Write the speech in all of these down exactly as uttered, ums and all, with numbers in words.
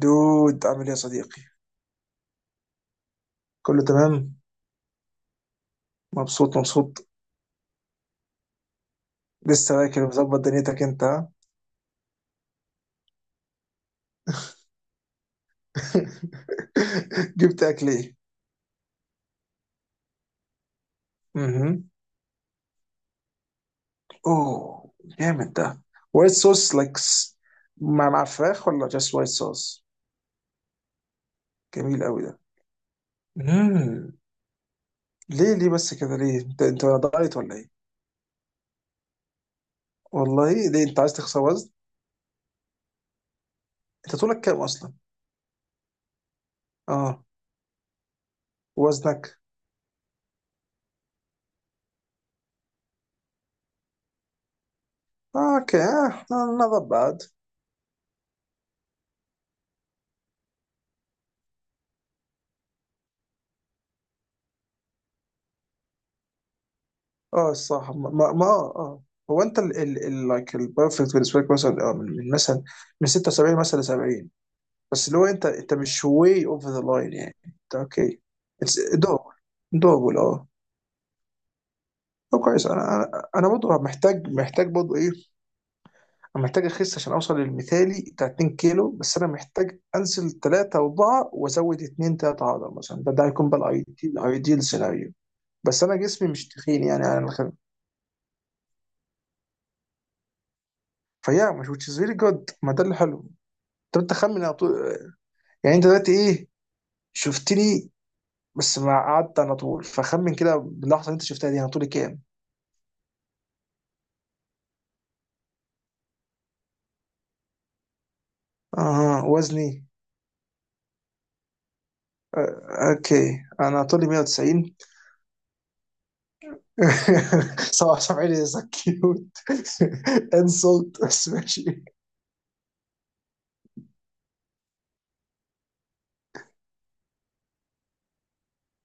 دود، عامل ايه يا صديقي؟ كله تمام؟ مبسوط مبسوط. لسه واكل ومظبط دنيتك انت ها؟ جبت اكل ايه؟ اها، اوه، جامد ده. وايت صوص لايك. مع مع فراخ ولا جاست وايت صوص؟ جميل قوي ده. مم. ليه ليه بس كده ليه؟ انت انت ولا دايت ولا ايه؟ والله ليه، انت عايز تخسر وزن؟ انت طولك كام اصلا؟ اه. وزنك؟ آه، اوكي، نوت باد. اه الصراحه، ما ما ما- اه اه هو انت ال ال ال لايك البرفكت بالنسبه لك مثلا، آه، من من مثلا من ستة وسبعين مثلا ل سبعين. بس اللي هو انت انت مش واي اوفر ذا لاين، يعني انت اوكي. اتس دوبل. دوبل، اه. طب كويس. انا انا انا برضه محتاج محتاج برضه ايه. انا محتاج اخس عشان اوصل للمثالي بتاع 2 كيلو، بس انا محتاج انزل تلاتة اربعة وازود اتنين تلاتة عضل مثلا. ده ده هيكون بقى الايديال الايديال سيناريو. بس انا جسمي مش تخين، يعني انا فيا مش which is really good. ما ده اللي حلو. طب انت خمن على طول. يعني انت دلوقتي ايه، شفتني، بس ما قعدت على طول، فخمن كده باللحظه اللي انت شفتها دي، انا طولي كام؟ اه، وزني. آه اوكي، انا طولي مية وتسعين. سبعة وسبعين از كيوت. انسلت بس ماشي.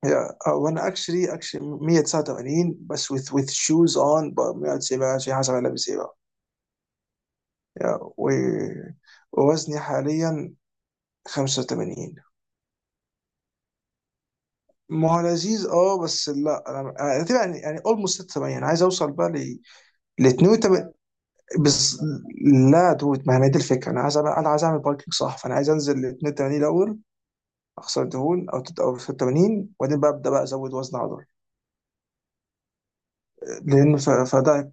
يا، آه، وانا اكشلي اكشلي مية تسعة وتمانين، بس with with shoes on ب- مية وتسعين بقى، شيء حسب انا لابس ايه بقى. يا و- ووزني حاليا خمسة وتمانين. ما هو لذيذ اه، بس لا انا، أنا تبقى يعني يعني اولموست ستة وتمانين. انا عايز اوصل بقى ل، ل اتنين وتمانين بس. لا دود، ما هي دي الفكره. انا عايز اعمل، انا عايز اعمل باركينج صح، فانا عايز انزل ل اتنين وتمانين الاول. اخسر دهون، او تت- او ستة وتمانين، وبعدين بقى ابدا بقى ازود وزن عضلي، لان ف- فده.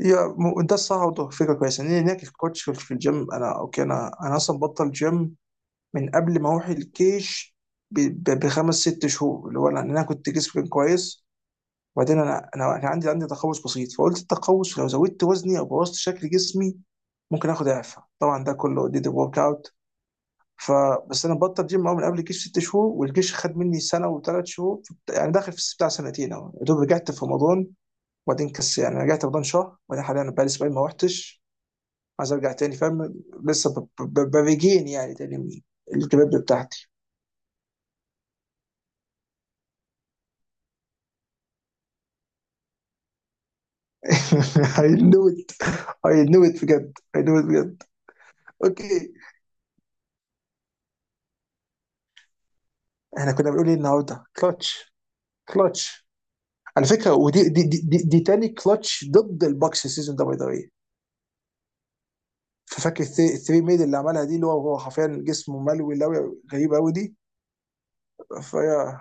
يا م- ده الصح، وده فكره كويسه ان هناك في كوتش في الجيم. انا اوكي، انا انا اصلا بطل جيم من قبل ما اروح الكيش ب- ب- بخمس ست شهور، اللي هو لأن انا كنت جسمي كان كويس. وبعدين انا انا كان عندي عندي تقوس بسيط، فقلت التقوس لو زودت وزني او بوظت شكل جسمي ممكن اخد اعفاء. طبعا ده كله ديد ورك اوت. فبس انا بطل جيم أهو من قبل الجيش ست شهور، والجيش خد مني سنه وثلاث شهور. يعني داخل في بتاع سنتين اهو، يا دوب رجعت في رمضان، وبعدين كس يعني رجعت رمضان شهر، وبعدين حاليا بقالي اسبوعين ما رحتش. عايز ارجع تاني، فاهم، لسه ب- ب- ب- بريجين يعني تاني من الكباب بتاعتي. I knew it. I knew it بجد. I knew it بجد. اوكي. احنا كنا بنقول ايه النهارده؟ كلتش، كلتش. على فكره ودي دي دي, دي, دي تاني كلتش ضد الباكس السيزون ده باي ذا واي. ففاكر الثري الثري ميد اللي عملها دي، اللي هو هو حرفيا جسمه ملوي لوي غريب قوي دي. فهي،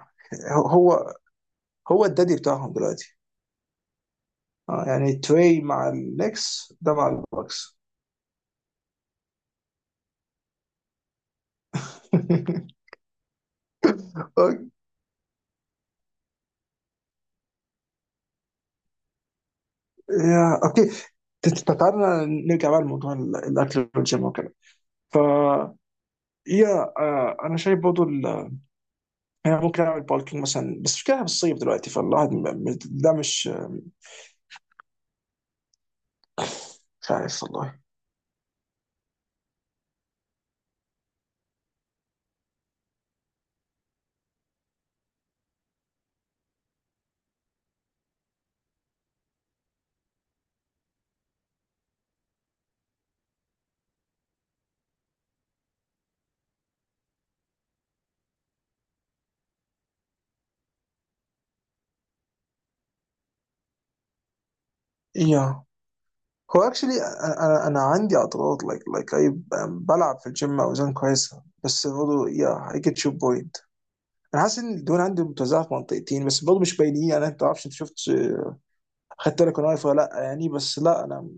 هو هو الدادي بتاعهم دلوقتي. اه يعني تري مع النكس، ده مع الباكس. أوك- يا اوكي، ت- ت- تعالى نرجع بقى لموضوع ال- الاكل والجيم وكده. ف، يا، آه، انا شايف برضه، ال- يعني ممكن اعمل بالكينج مثلا، بس مش كده في الصيف دلوقتي، فالواحد م- م- ده مش، مش عارف والله. يا، هو اكشلي، انا انا عندي اعتراض لايك لايك اي. بلعب في الجيم اوزان كويسه، بس برضه يا اي جيت يور بوينت. انا حاسس ان الدهون عندي متوزعه في منطقتين، بس برضه مش باينين، يعني انت تعرفش، انت شفت، خدت بالك انا واقف ولا لا يعني، بس لا انا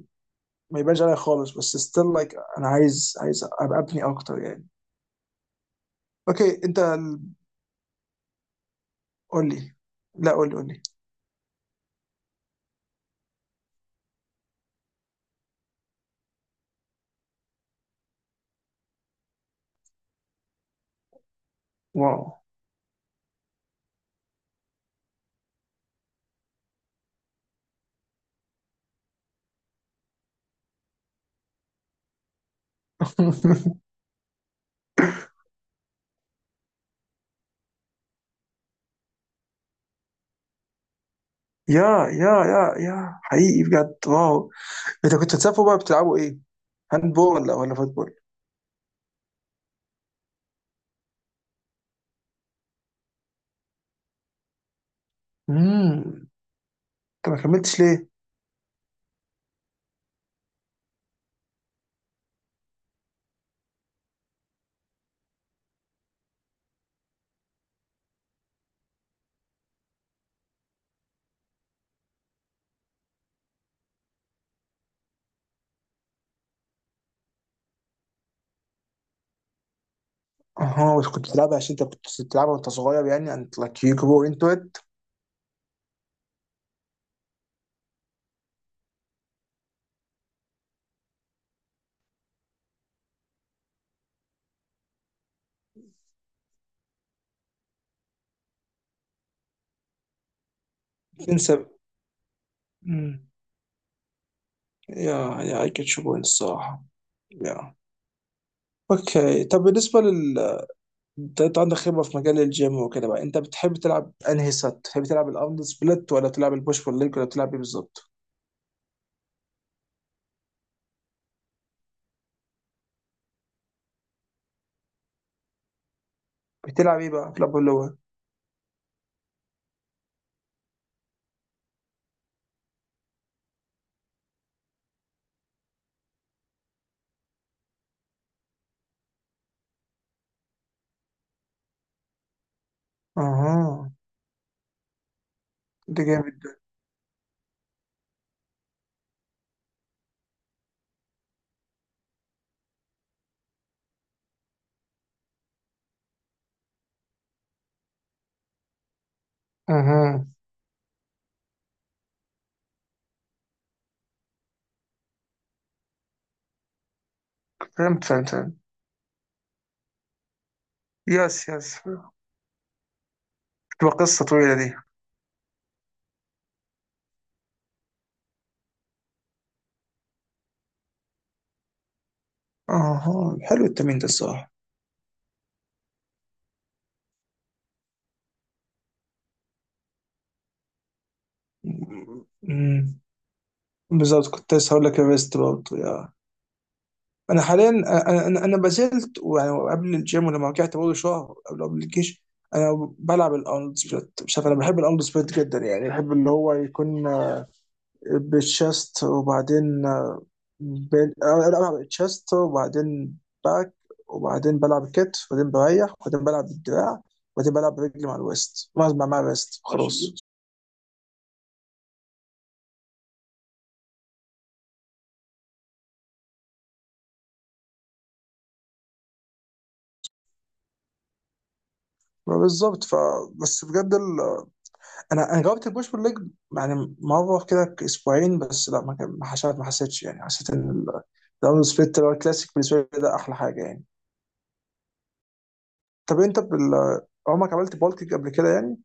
ما يبانش عليا خالص، بس ستيل لايك انا عايز عايز ابقى ابني اكتر يعني. اوكي انت ال- قول لي. لا قول لي، قول لي. واو يا يا يا يا حقيقي بجد واو. انت كنت بتسافروا بقى بتلعبوا ايه؟ هاند بول ولا ولا فوتبول؟ امم. انت ما كملتش ليه؟ اها، بس كنت بتلعبها عشان انت كنت بتلعبها وانت صغير، يعني انت لايك يو جرو انتو ات. تنسى. امم. يا، يا اي جيت يو بوينت الصراحه. يا اوكي، طب بالنسبه لل، انت أنت عندك خبره في مجال الجيم وكده بقى، انت بتحب تلعب انهي سات؟ بتحب تلعب الارنولد سبليت، ولا تلعب البوش بول ليج، ولا تلعب ايه بالظبط؟ بتلعب ايه بقى؟ بتلعب اللي هو، اها، ده جامد ده. اها، فهمت فهمت فهمت. يس يس. تبقى قصة طويلة دي. اها، حلو التمرين ده الصراحة. أمم، بالظبط، كنت لسه هقول لك الريست برضه، يا انا حاليا، انا انا أنا ما زلت، ويعني قبل الجيم ولما رجعت برضه شهر قبل قبل الجيش انا بلعب الارنولد سبليت. مش عارف، انا بحب الارنولد سبليت جدا، يعني بحب اللي هو يكون بالشست وبعدين بال... أنا بلعب التشست وبعدين باك، وبعدين بلعب كتف، وبعدين بريح، وبعدين بلعب بالدراع، وبعدين بلعب برجلي مع الويست، مع مع الويست خلاص. ما بالظبط، ف، بس بجد ال... انا انا جربت البوش بول ليج يعني مره كده، ك- اسبوعين بس، لا ما كان- ما حسيت، ما حسيتش يعني، حسيت ان ال- الداون سبليت اللي هو الكلاسيك بالنسبه لي ده احلى حاجه يعني. طب انت بال... عمرك عملت بالكيك قبل كده يعني؟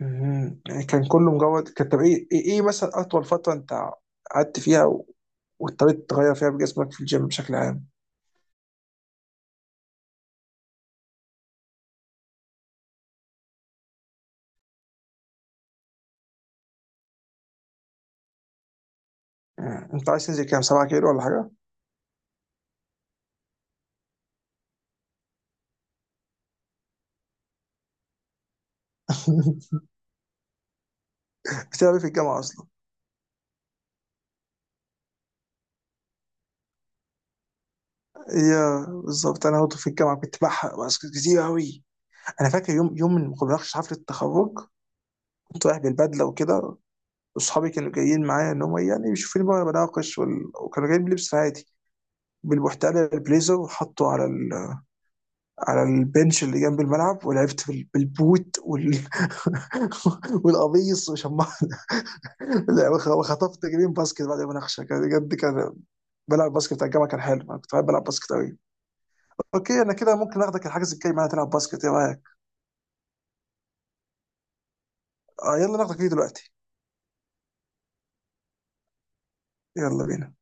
مهم. يعني كان كله مجرد كان. طب ايه، ايه إيه مثلا اطول فتره انت قعدت فيها و- واضطريت تغير فيها بجسمك في الجيم بشكل عام؟ مم. انت عايز تنزل كام، 7 كيلو ولا حاجه؟ بتلعب إيه في الجامعه اصلا؟ يا بالظبط، انا برضه في الجامعه كنت بحرق بس كتير قوي. انا فاكر يوم يوم من مقابلات حفله التخرج كنت رايح بالبدله وكده، واصحابي كانوا جايين معايا ان هم يعني يشوفوني بقى بناقش، وال... وكانوا جايين بلبس عادي بالبحتال البليزر، وحطه على ال... على البنش اللي جنب الملعب، ولعبت بال... بالبوت وال... والقميص، وشمعت لا وخ- وخطفت جرين باسكت بعد المناقشه. كان بجد كان بلعب باسكت بتاع الجامعه، كان حلو. انا كنت بحب العب باسكت قوي. اوكي انا كده ممكن اخدك الحجز الجاي معايا تلعب باسكت، ايه رايك؟ آه يلا ناخدك فيه دلوقتي. يلا بينا.